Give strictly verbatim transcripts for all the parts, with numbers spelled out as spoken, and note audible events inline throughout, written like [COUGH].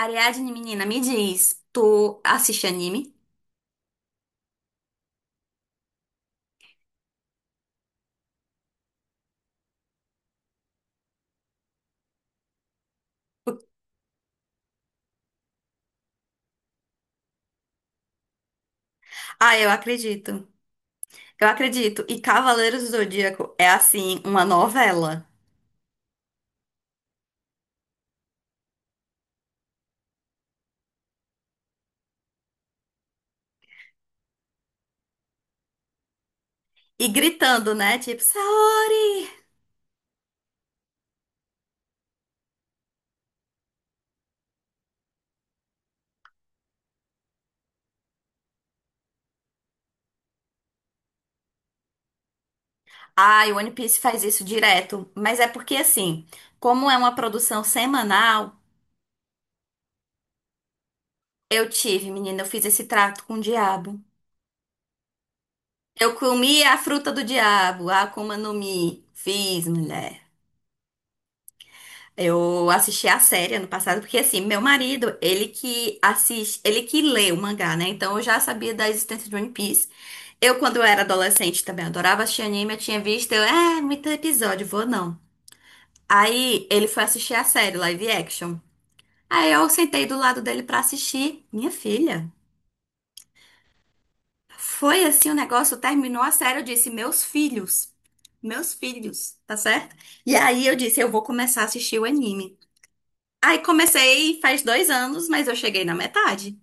Ariadne, menina, me diz, tu assiste anime? Ah, eu acredito. Eu acredito. E Cavaleiros do Zodíaco é assim, uma novela. E gritando, né? Tipo, Saori! Ai, One Piece faz isso direto. Mas é porque assim, como é uma produção semanal, eu tive, menina, eu fiz esse trato com o diabo. Eu comi a fruta do diabo, a Akuma no Mi. Fiz, mulher. Eu assisti a série ano passado, porque assim, meu marido, ele que assiste, ele que lê o mangá, né? Então eu já sabia da existência de One Piece. Eu, quando eu era adolescente, também adorava assistir anime, eu tinha visto, eu, é, muito episódio, vou não. Aí ele foi assistir a série live action. Aí eu sentei do lado dele pra assistir. Minha filha, foi assim o negócio, terminou a série, eu disse, meus filhos, meus filhos, tá certo? E aí eu disse, eu vou começar a assistir o anime. Aí comecei faz dois anos, mas eu cheguei na metade.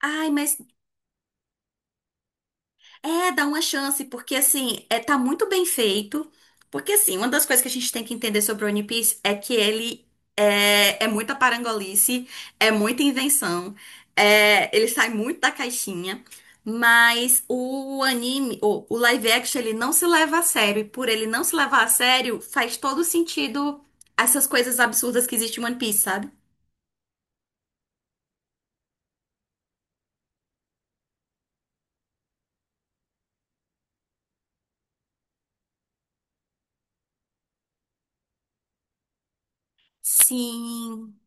Ai, mas é, dá uma chance, porque assim, é, tá muito bem feito. Porque assim, uma das coisas que a gente tem que entender sobre o One Piece é que ele é, é muita parangolice, é muita invenção, é, ele sai muito da caixinha. Mas o anime, o, o live action, ele não se leva a sério. E por ele não se levar a sério, faz todo sentido essas coisas absurdas que existem em One Piece, sabe? Sim.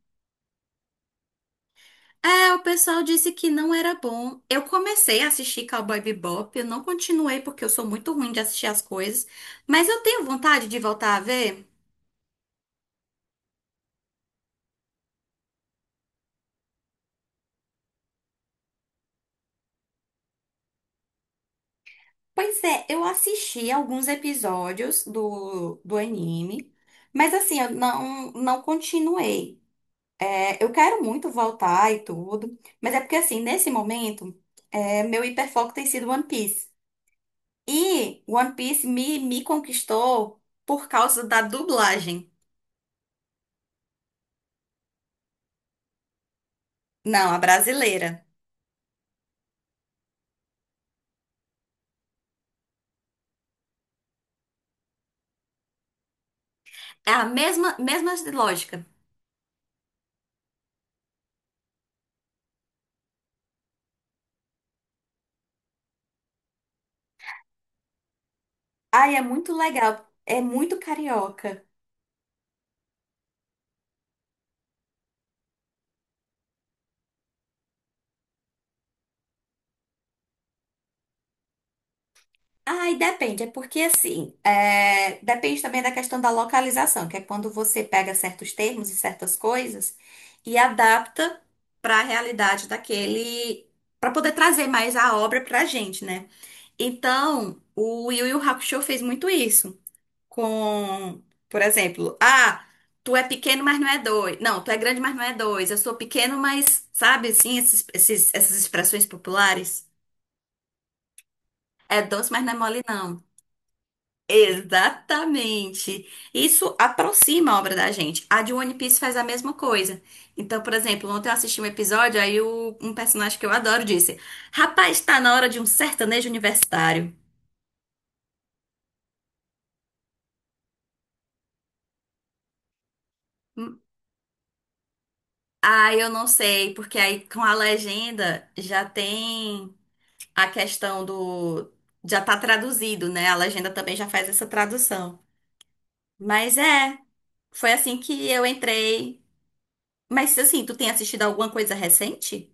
É, o pessoal disse que não era bom. Eu comecei a assistir Cowboy Bebop, eu não continuei porque eu sou muito ruim de assistir as coisas, mas eu tenho vontade de voltar a ver. Pois é, eu assisti alguns episódios do, do anime, mas assim, eu não, não continuei. É, eu quero muito voltar e tudo, mas é porque assim, nesse momento, é, meu hiperfoco tem sido One Piece. E One Piece me, me conquistou por causa da dublagem. Não, a brasileira. É a mesma, mesma lógica. Ai, é muito legal. É muito carioca. Ai, depende. É porque, assim, é, depende também da questão da localização, que é quando você pega certos termos e certas coisas e adapta para a realidade daquele. Para poder trazer mais a obra para a gente, né? Então, o Yu Yu Hakusho fez muito isso. Com, por exemplo, ah, tu é pequeno, mas não é dois. Não, tu é grande, mas não é dois. Eu sou pequeno, mas, sabe, assim, esses, esses- essas expressões populares. É doce, mas não é mole, não. Exatamente. Isso aproxima a obra da gente. A de One Piece faz a mesma coisa. Então, por exemplo, ontem eu assisti um episódio, aí o- um personagem que eu adoro disse: Rapaz, tá na hora de um sertanejo universitário. Hum, Ah, eu não sei, porque aí com a legenda já tem. A questão do. Já tá traduzido, né? A legenda também já faz essa tradução. Mas é, foi assim que eu entrei. Mas assim, tu tem assistido alguma coisa recente?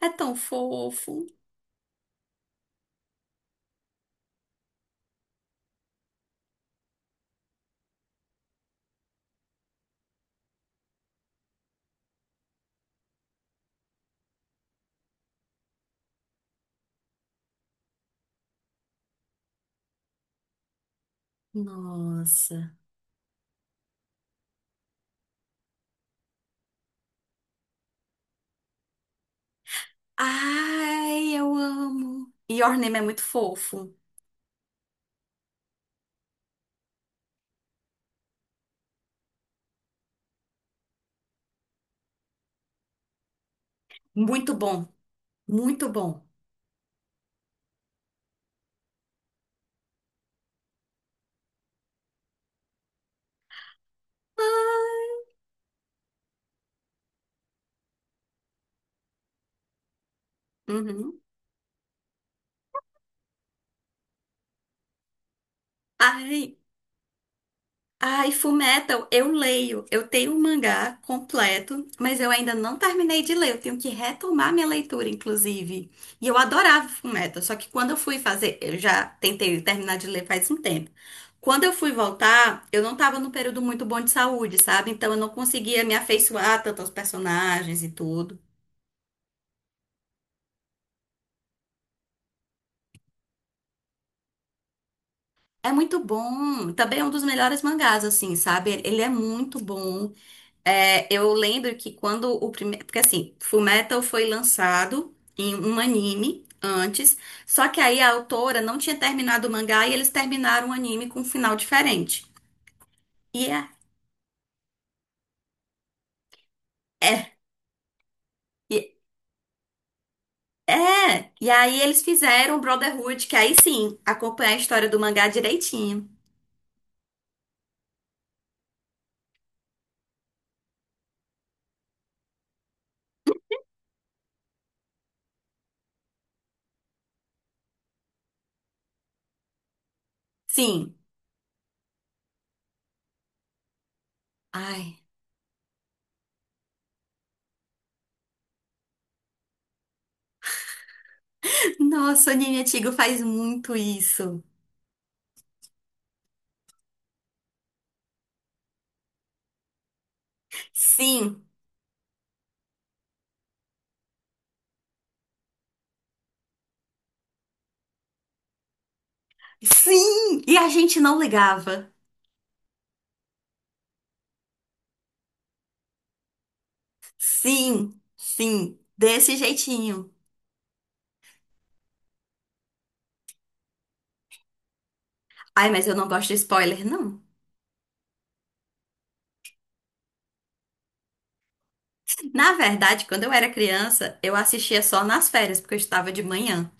É tão fofo. Nossa. Ai, eu amo. Your Name é muito fofo. Muito bom. Muito bom. Uhum. Ai, ai, Fullmetal, eu leio. Eu tenho um mangá completo, mas eu ainda não terminei de ler. Eu tenho que retomar minha leitura, inclusive. E eu adorava Fullmetal, só que quando eu fui fazer, eu já tentei terminar de ler faz um tempo. Quando eu fui voltar, eu não estava num período muito bom de saúde, sabe? Então eu não conseguia me afeiçoar tanto aos personagens e tudo. É muito bom. Também é um dos melhores mangás, assim, sabe? Ele é muito bom. É, eu lembro que quando o primeiro. Porque assim, Fullmetal foi lançado em um anime antes, só que aí a autora não tinha terminado o mangá e eles terminaram o anime com um final diferente. E é. É. E, é. E aí eles fizeram o Brotherhood, que aí sim, acompanha a história do mangá direitinho. Sim. Ai. [LAUGHS] Nossa, o anime antigo faz muito isso. Sim. Sim! E a gente não ligava. Sim, sim, desse jeitinho. Ai, mas eu não gosto de spoiler, não. Na verdade, quando eu era criança, eu assistia só nas férias, porque eu estava de manhã.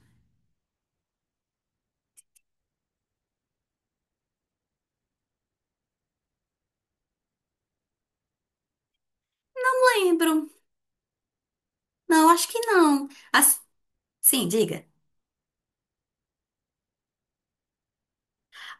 Lembro. Não, acho que não. As- sim, diga.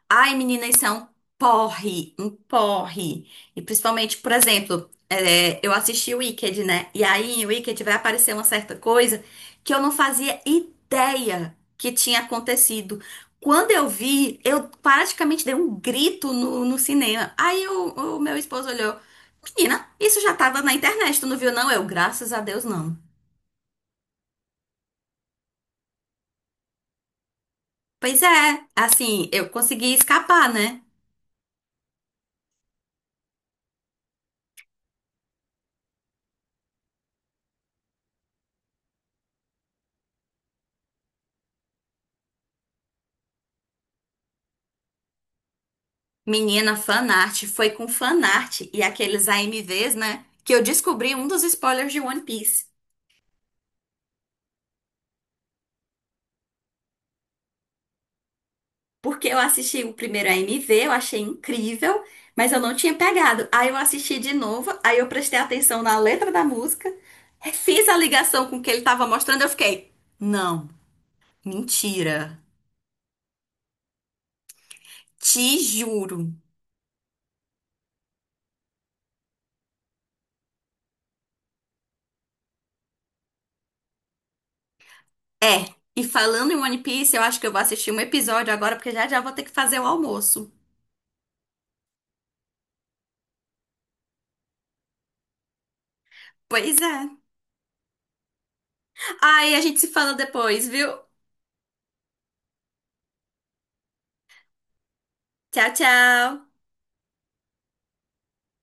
Ai, menina, isso é um porre, um porre. E principalmente, por exemplo, é, eu assisti o Wicked, né? E aí, em Wicked vai aparecer uma certa coisa que eu não fazia ideia que tinha acontecido. Quando eu vi, eu praticamente dei um grito no, no cinema. Aí o o meu esposo olhou. Menina, isso já estava na internet, tu não viu, não? Eu, graças a Deus, não. Pois é, assim, eu consegui escapar, né? Menina, fanart, foi com fanart e aqueles A M Vs, né? Que eu descobri um dos spoilers de One Piece. Porque eu assisti o primeiro A M V, eu achei incrível, mas eu não tinha pegado. Aí eu assisti de novo, aí eu prestei atenção na letra da música, fiz a ligação com o que ele tava mostrando, eu fiquei, não, mentira, te juro. É, e falando em One Piece, eu acho que eu vou assistir um episódio agora, porque já já vou ter que fazer o almoço. Pois é. Aí a gente se fala depois, viu? Tchau, tchau.